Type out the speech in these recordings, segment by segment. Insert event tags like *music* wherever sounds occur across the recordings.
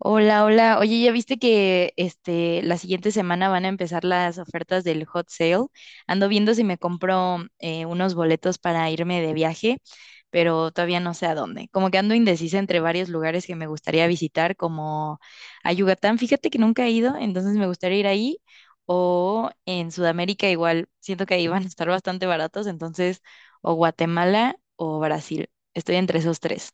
Hola, hola. Oye, ¿ya viste que este la siguiente semana van a empezar las ofertas del hot sale? Ando viendo si me compro unos boletos para irme de viaje, pero todavía no sé a dónde. Como que ando indecisa entre varios lugares que me gustaría visitar, como a Yucatán. Fíjate que nunca he ido, entonces me gustaría ir ahí. O en Sudamérica igual, siento que ahí van a estar bastante baratos, entonces o Guatemala o Brasil. Estoy entre esos tres.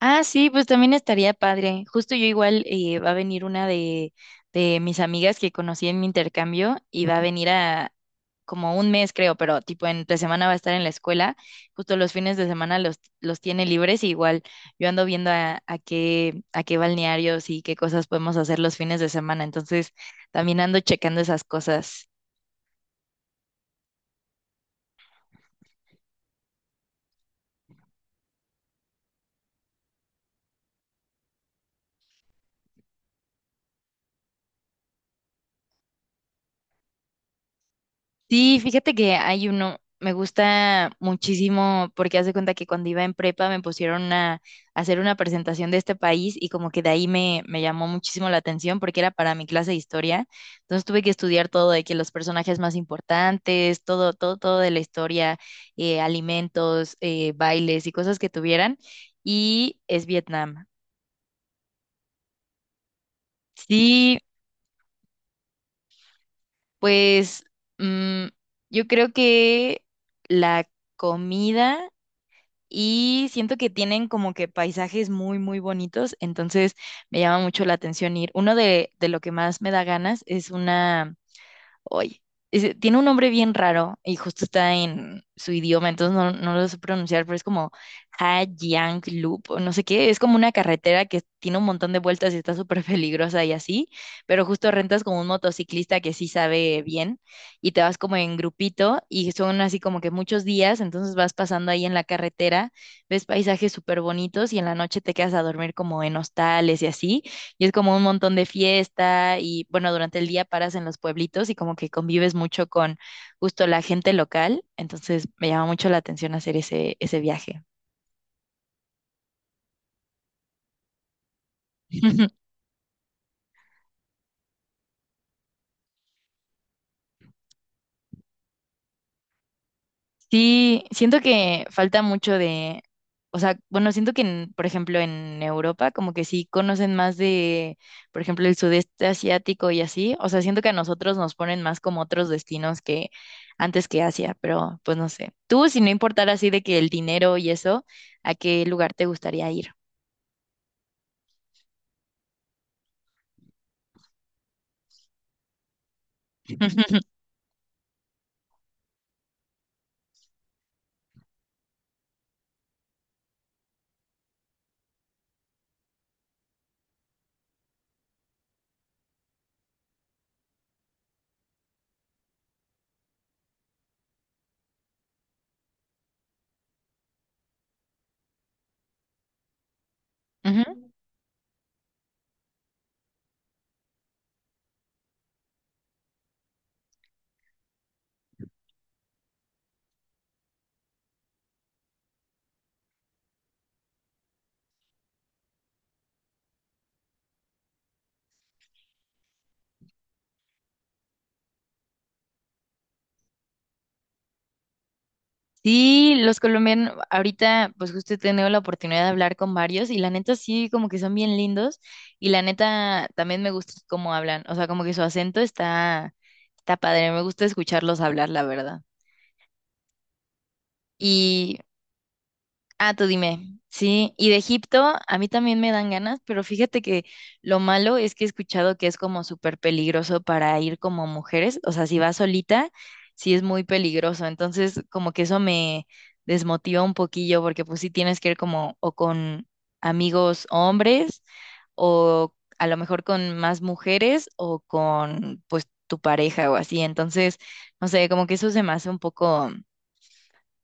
Ah, sí, pues también estaría padre. Justo yo igual va a venir una de mis amigas que conocí en mi intercambio y va a venir a como un mes, creo, pero tipo entre semana va a estar en la escuela. Justo los fines de semana los tiene libres y igual yo ando viendo a a qué balnearios y qué cosas podemos hacer los fines de semana. Entonces también ando checando esas cosas. Sí, fíjate que hay uno, me gusta muchísimo porque hace cuenta que cuando iba en prepa me pusieron a hacer una presentación de este país y como que de ahí me llamó muchísimo la atención porque era para mi clase de historia. Entonces tuve que estudiar todo de que los personajes más importantes, todo, todo, todo de la historia, alimentos, bailes y cosas que tuvieran. Y es Vietnam. Sí, pues mm, yo creo que la comida. Y siento que tienen como que paisajes muy, muy bonitos, entonces me llama mucho la atención ir. Uno de lo que más me da ganas es una Oye, tiene un nombre bien raro y justo está en su idioma, entonces no, no lo sé pronunciar, pero es como Hajiang Loop o no sé qué. Es como una carretera que tiene un montón de vueltas y está súper *laughs* peligrosa y así, pero justo rentas como un motociclista que sí sabe bien y te vas como en grupito y son así como que muchos días, entonces vas pasando ahí en la carretera, ves paisajes súper bonitos y en la noche te quedas a dormir como en hostales y así. Y es como un montón de fiesta y bueno, durante el día paras en los pueblitos y como que convives mucho con justo la gente local. Entonces me llama mucho la atención hacer ese viaje. *laughs* Sí, siento que falta mucho de, o sea, bueno, siento por ejemplo, en Europa como que sí conocen más de, por ejemplo, el sudeste asiático y así, o sea, siento que a nosotros nos ponen más como otros destinos que antes que Asia, pero pues no sé. Tú, si no importara así de que el dinero y eso, ¿a qué lugar te gustaría ir? *laughs* Ujú. Sí, los colombianos, ahorita pues justo he tenido la oportunidad de hablar con varios y la neta sí, como que son bien lindos y la neta también me gusta cómo hablan, o sea, como que su acento está, está padre, me gusta escucharlos hablar, la verdad. Ah, tú dime. Sí, y de Egipto a mí también me dan ganas, pero fíjate que lo malo es que he escuchado que es como súper peligroso para ir como mujeres, o sea, si vas solita, sí es muy peligroso, entonces como que eso me desmotiva un poquillo porque pues sí tienes que ir como o con amigos hombres o a lo mejor con más mujeres o con pues tu pareja o así, entonces, no sé, como que eso se me hace un poco.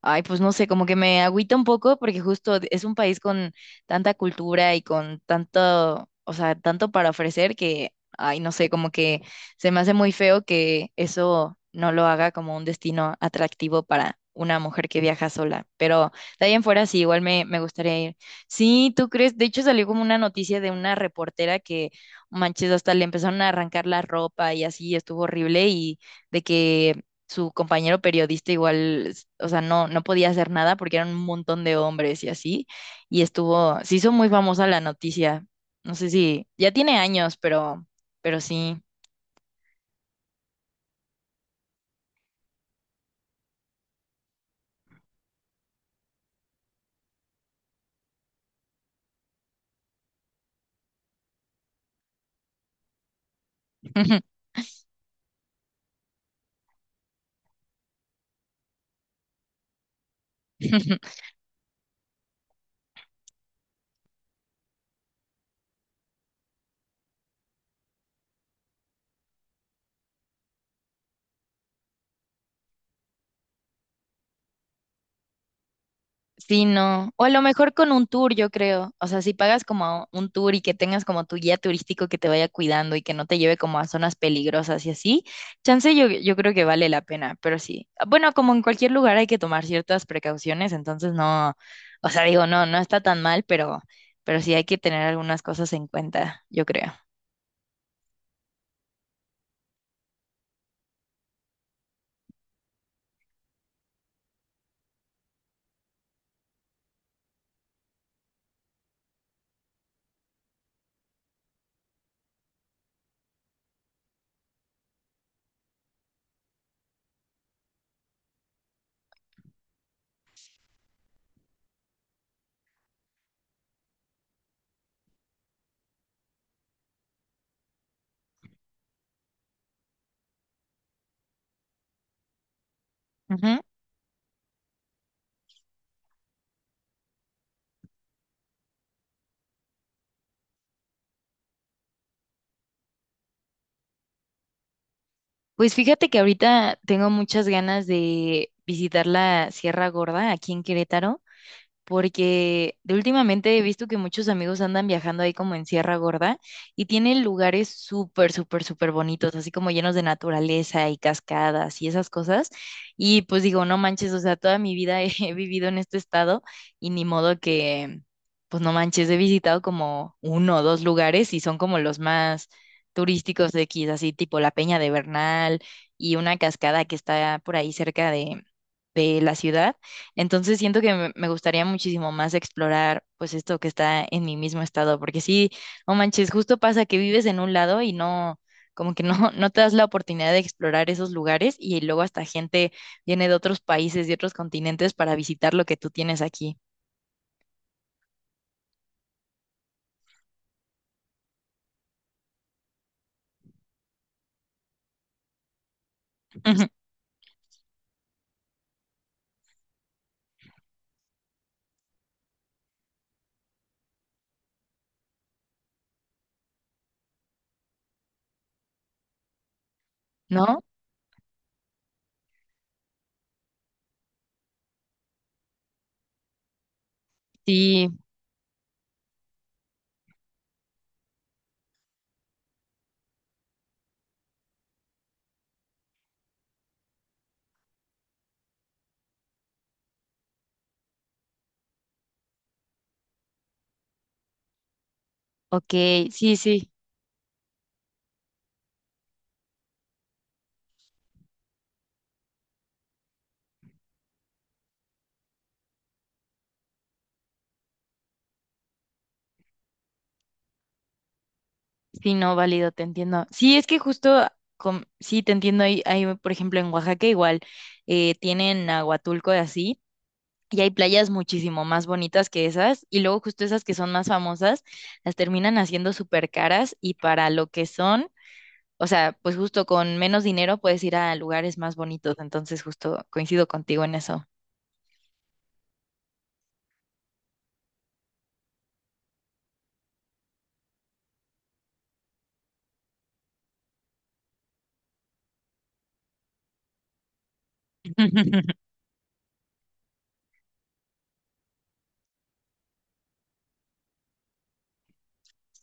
Ay, pues no sé, como que me agüita un poco porque justo es un país con tanta cultura y con tanto, o sea, tanto para ofrecer que, ay, no sé, como que se me hace muy feo que eso no lo haga como un destino atractivo para una mujer que viaja sola. Pero de ahí en fuera sí, igual me gustaría ir. Sí, ¿tú crees? De hecho salió como una noticia de una reportera que, manches, hasta le empezaron a arrancar la ropa y así, estuvo horrible y de que su compañero periodista igual, o sea, no, no podía hacer nada porque eran un montón de hombres y así, y estuvo, se hizo muy famosa la noticia. No sé si, ya tiene años, pero sí. *laughs* Sí, no. O a lo mejor con un tour, yo creo. O sea, si pagas como un tour y que tengas como tu guía turístico que te vaya cuidando y que no te lleve como a zonas peligrosas y así, chance yo creo que vale la pena, pero sí. Bueno, como en cualquier lugar hay que tomar ciertas precauciones, entonces no, o sea, digo, no, no está tan mal, pero sí hay que tener algunas cosas en cuenta, yo creo. Ujú. Pues fíjate que ahorita tengo muchas ganas de visitar la Sierra Gorda aquí en Querétaro, porque de últimamente he visto que muchos amigos andan viajando ahí como en Sierra Gorda y tienen lugares súper, súper, súper bonitos, así como llenos de naturaleza y cascadas y esas cosas. Y pues digo, no manches, o sea, toda mi vida he, *laughs* he vivido en este estado y ni modo que, pues no manches, he visitado como uno o dos lugares y son como los más turísticos de aquí, así tipo la Peña de Bernal y una cascada que está por ahí cerca de la ciudad, entonces siento que me gustaría muchísimo más explorar pues esto que está en mi mismo estado, porque sí, no manches, justo pasa que vives en un lado y no, como que no, *laughs* no te das la oportunidad de explorar esos lugares y luego hasta gente viene de otros países, de otros continentes para visitar lo que tú tienes aquí, *laughs* ¿no? Sí, ok, sí, sí, sí, no, válido, te entiendo. Sí, es que justo, sí, te entiendo, ahí, ahí, por ejemplo, en Oaxaca igual tienen a Huatulco y así. Y hay playas muchísimo más bonitas que esas, y luego justo esas que son más famosas, las terminan haciendo súper caras y para lo que son, o sea, pues justo con menos dinero puedes ir a lugares más bonitos, entonces justo coincido contigo en eso. *laughs*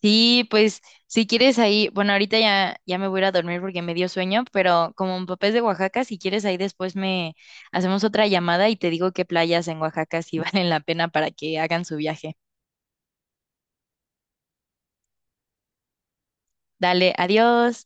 Sí, pues si quieres ahí, bueno, ahorita ya, ya me voy a ir a dormir porque me dio sueño, pero como mi papá es de Oaxaca, si quieres ahí después me hacemos otra llamada y te digo qué playas en Oaxaca sí *laughs* valen la pena para que hagan su viaje. Dale, adiós.